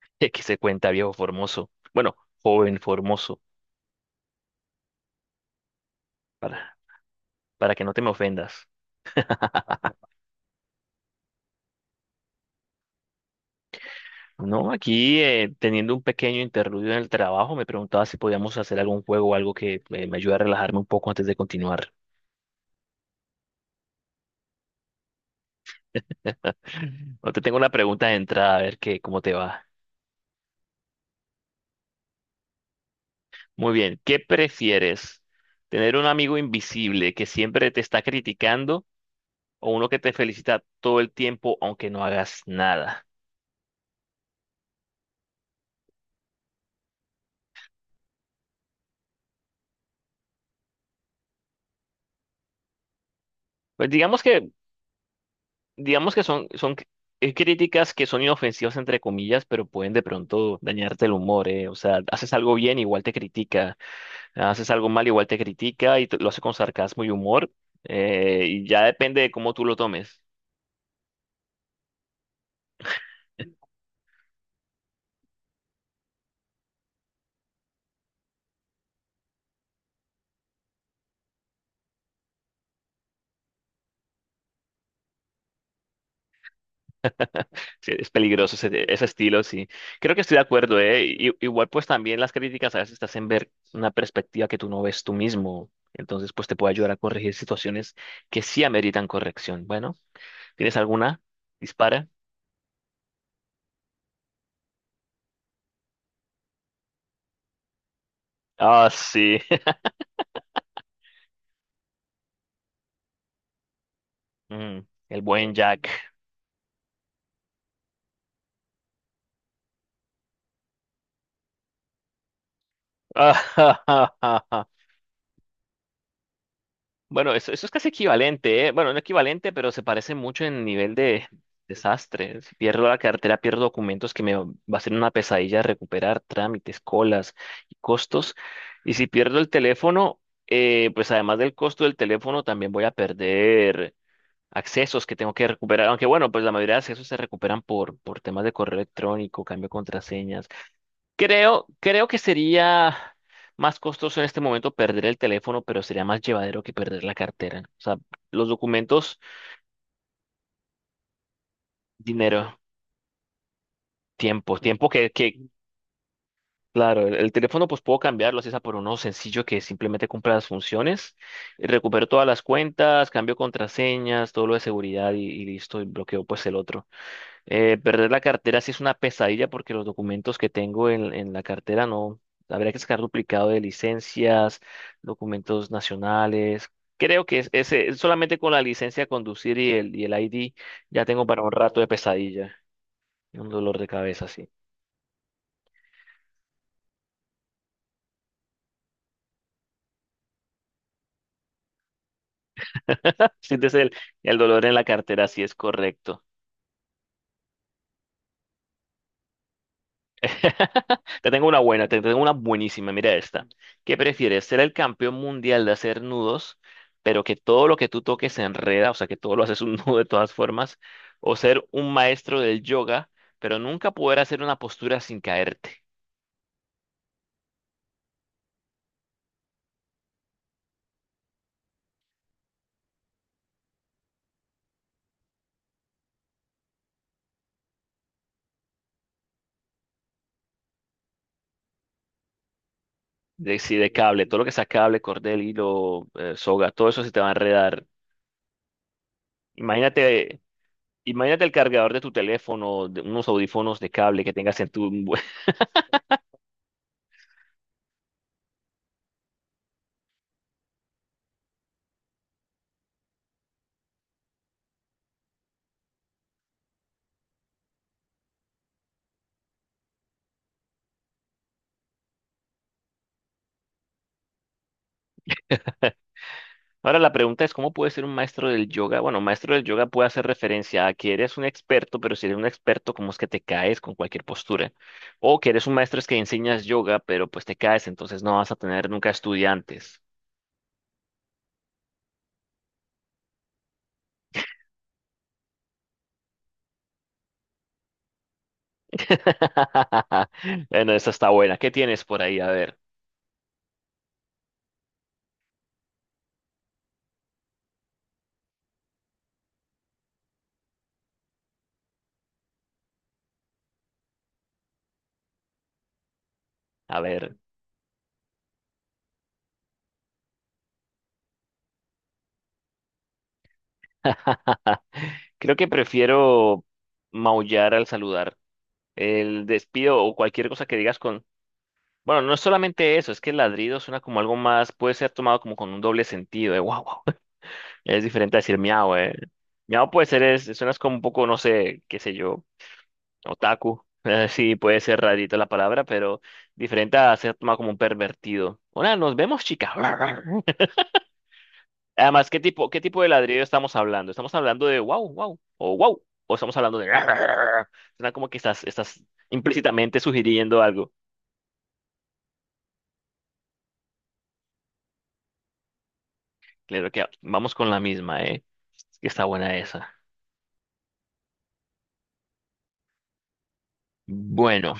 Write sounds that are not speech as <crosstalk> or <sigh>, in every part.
<laughs> que se cuenta, viejo formoso? Bueno, joven formoso, para, para que no te me ofendas. No, aquí teniendo un pequeño interludio en el trabajo, me preguntaba si podíamos hacer algún juego o algo que me ayude a relajarme un poco antes de continuar. <laughs> No, te tengo una pregunta de entrada, a ver qué, cómo te va. Muy bien, ¿qué prefieres? ¿Tener un amigo invisible que siempre te está criticando o uno que te felicita todo el tiempo aunque no hagas nada? Pues digamos que son, críticas que son inofensivas entre comillas, pero pueden de pronto dañarte el humor, ¿eh? O sea, haces algo bien, igual te critica, haces algo mal, igual te critica y lo hace con sarcasmo y humor, y ya depende de cómo tú lo tomes. Sí, es peligroso ese, ese estilo, sí. Creo que estoy de acuerdo, ¿eh? Igual pues también las críticas a veces te hacen ver una perspectiva que tú no ves tú mismo. Entonces, pues te puede ayudar a corregir situaciones que sí ameritan corrección. Bueno, ¿tienes alguna? Dispara. Ah, sí. Mm, el buen Jack. <laughs> Bueno, eso es casi equivalente, ¿eh? Bueno, no equivalente, pero se parece mucho en nivel de desastre. Si pierdo la cartera, pierdo documentos que me va a ser una pesadilla recuperar, trámites, colas y costos. Y si pierdo el teléfono, pues además del costo del teléfono, también voy a perder accesos que tengo que recuperar. Aunque bueno, pues la mayoría de accesos se recuperan por temas de correo electrónico, cambio de contraseña. Creo que sería más costoso en este momento perder el teléfono, pero sería más llevadero que perder la cartera. O sea, los documentos, dinero, tiempo, tiempo que claro, el teléfono pues puedo cambiarlo, así sea por uno sencillo que simplemente cumpla las funciones, y recupero todas las cuentas, cambio contraseñas, todo lo de seguridad y listo, y bloqueo pues el otro. Perder la cartera sí es una pesadilla porque los documentos que tengo en la cartera no. Habría que sacar duplicado de licencias, documentos nacionales. Creo que solamente con la licencia de conducir y el ID ya tengo para un rato de pesadilla. Un dolor de cabeza, sí. <laughs> Sientes el dolor en la cartera, sí es correcto. <laughs> Te tengo una buena, te tengo una buenísima. Mira esta. ¿Qué prefieres? ¿Ser el campeón mundial de hacer nudos, pero que todo lo que tú toques se enreda, o sea, que todo lo haces un <laughs> nudo de todas formas? ¿O ser un maestro del yoga, pero nunca poder hacer una postura sin caerte? De, sí, de cable, todo lo que sea cable, cordel, hilo, soga, todo eso se te va a enredar. Imagínate, imagínate el cargador de tu teléfono, de unos audífonos de cable que tengas en tu... Ahora la pregunta es, ¿cómo puede ser un maestro del yoga? Bueno, un maestro del yoga puede hacer referencia a que eres un experto, pero si eres un experto, ¿cómo es que te caes con cualquier postura? O que eres un maestro es que enseñas yoga, pero pues te caes, entonces no vas a tener nunca estudiantes. <laughs> Bueno, esa está buena. ¿Qué tienes por ahí? A ver, a ver. <laughs> Creo que prefiero maullar al saludar. El despido o cualquier cosa que digas con... Bueno, no es solamente eso, es que el ladrido suena como algo más, puede ser tomado como con un doble sentido, de wow. Es diferente a decir miau, eh. Miau puede ser, es, suenas como un poco, no sé, qué sé yo, otaku. <laughs> Sí, puede ser rarita la palabra, pero diferente a ser tomado como un pervertido. Hola, nos vemos, chica. <laughs> Además, qué tipo de ladrido estamos hablando? ¿Estamos hablando de wow, wow, o wow? ¿O estamos hablando de... <laughs> Suena como que estás, estás implícitamente sugiriendo algo. Claro que vamos con la misma, ¿eh? Que está buena esa. Bueno.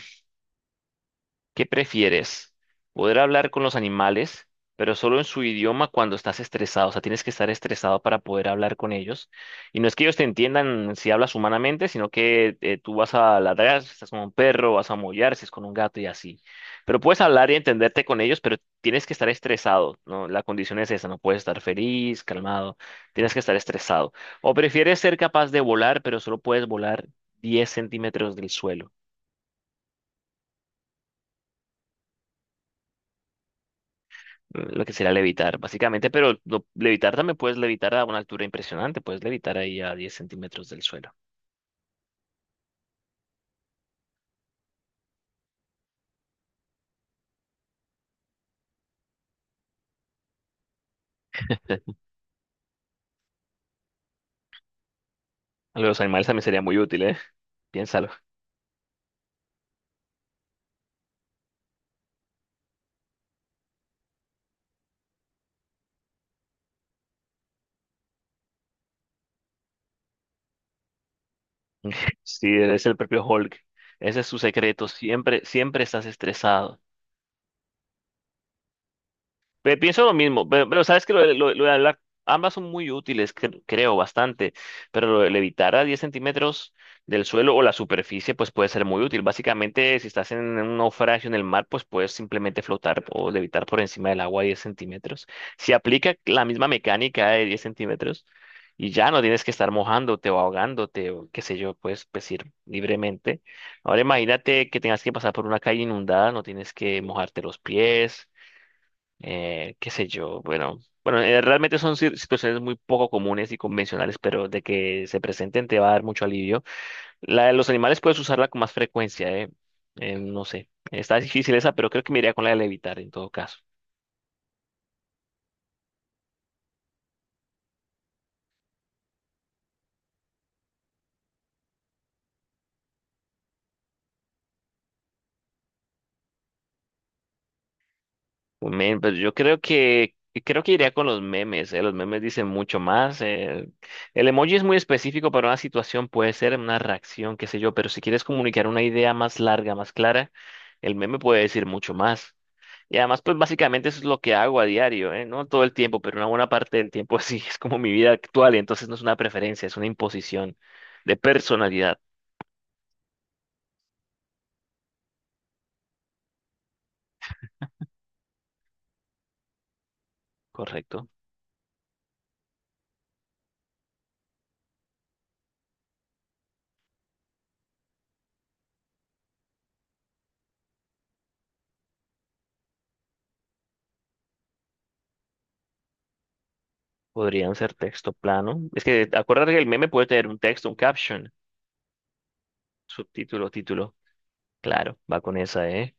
¿Qué prefieres? ¿Poder hablar con los animales, pero solo en su idioma cuando estás estresado? O sea, tienes que estar estresado para poder hablar con ellos. Y no es que ellos te entiendan si hablas humanamente, sino que tú vas a ladrar, si estás con un perro, vas a mollar, si es con un gato y así. Pero puedes hablar y entenderte con ellos, pero tienes que estar estresado, ¿no? La condición es esa, no puedes estar feliz, calmado, tienes que estar estresado. ¿O prefieres ser capaz de volar, pero solo puedes volar 10 centímetros del suelo? Mm, lo que sería levitar, básicamente, pero levitar también puedes levitar a una altura impresionante, puedes levitar ahí a 10 centímetros del suelo. A los animales también sería muy útil, ¿eh? Piénsalo. Si es el propio Hulk, ese es su secreto, siempre, siempre estás estresado. Pienso lo mismo, pero sabes que lo, lo de hablar, ambas son muy útiles, creo, bastante, pero lo de levitar a 10 centímetros del suelo o la superficie, pues puede ser muy útil. Básicamente, si estás en un naufragio en el mar, pues puedes simplemente flotar o levitar por encima del agua a 10 centímetros. Si aplica la misma mecánica de 10 centímetros y ya no tienes que estar mojándote o ahogándote o qué sé yo, puedes pues, ir libremente. Ahora imagínate que tengas que pasar por una calle inundada, no tienes que mojarte los pies. Qué sé yo, bueno, bueno, realmente son situaciones muy poco comunes y convencionales, pero de que se presenten te va a dar mucho alivio. La de los animales puedes usarla con más frecuencia, eh. No sé, está difícil esa, pero creo que me iría con la de levitar en todo caso. Men, pues yo creo que iría con los memes, los memes dicen mucho más, eh. El emoji es muy específico para una situación, puede ser una reacción, qué sé yo, pero si quieres comunicar una idea más larga, más clara, el meme puede decir mucho más. Y además, pues básicamente eso es lo que hago a diario, ¿eh? No todo el tiempo, pero una buena parte del tiempo <laughs> sí es como mi vida actual, y entonces no es una preferencia, es una imposición de personalidad, ¿correcto? Podrían ser texto plano. Es que acuérdate que el meme puede tener un texto, un caption, subtítulo, título. Claro, va con esa, ¿eh?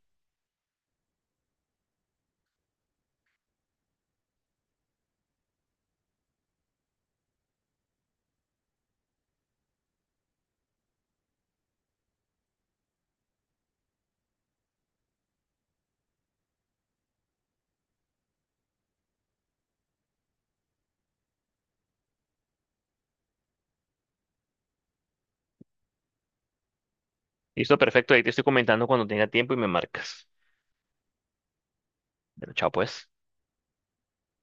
Listo, perfecto. Ahí te estoy comentando cuando tenga tiempo y me marcas. Pero chao, pues.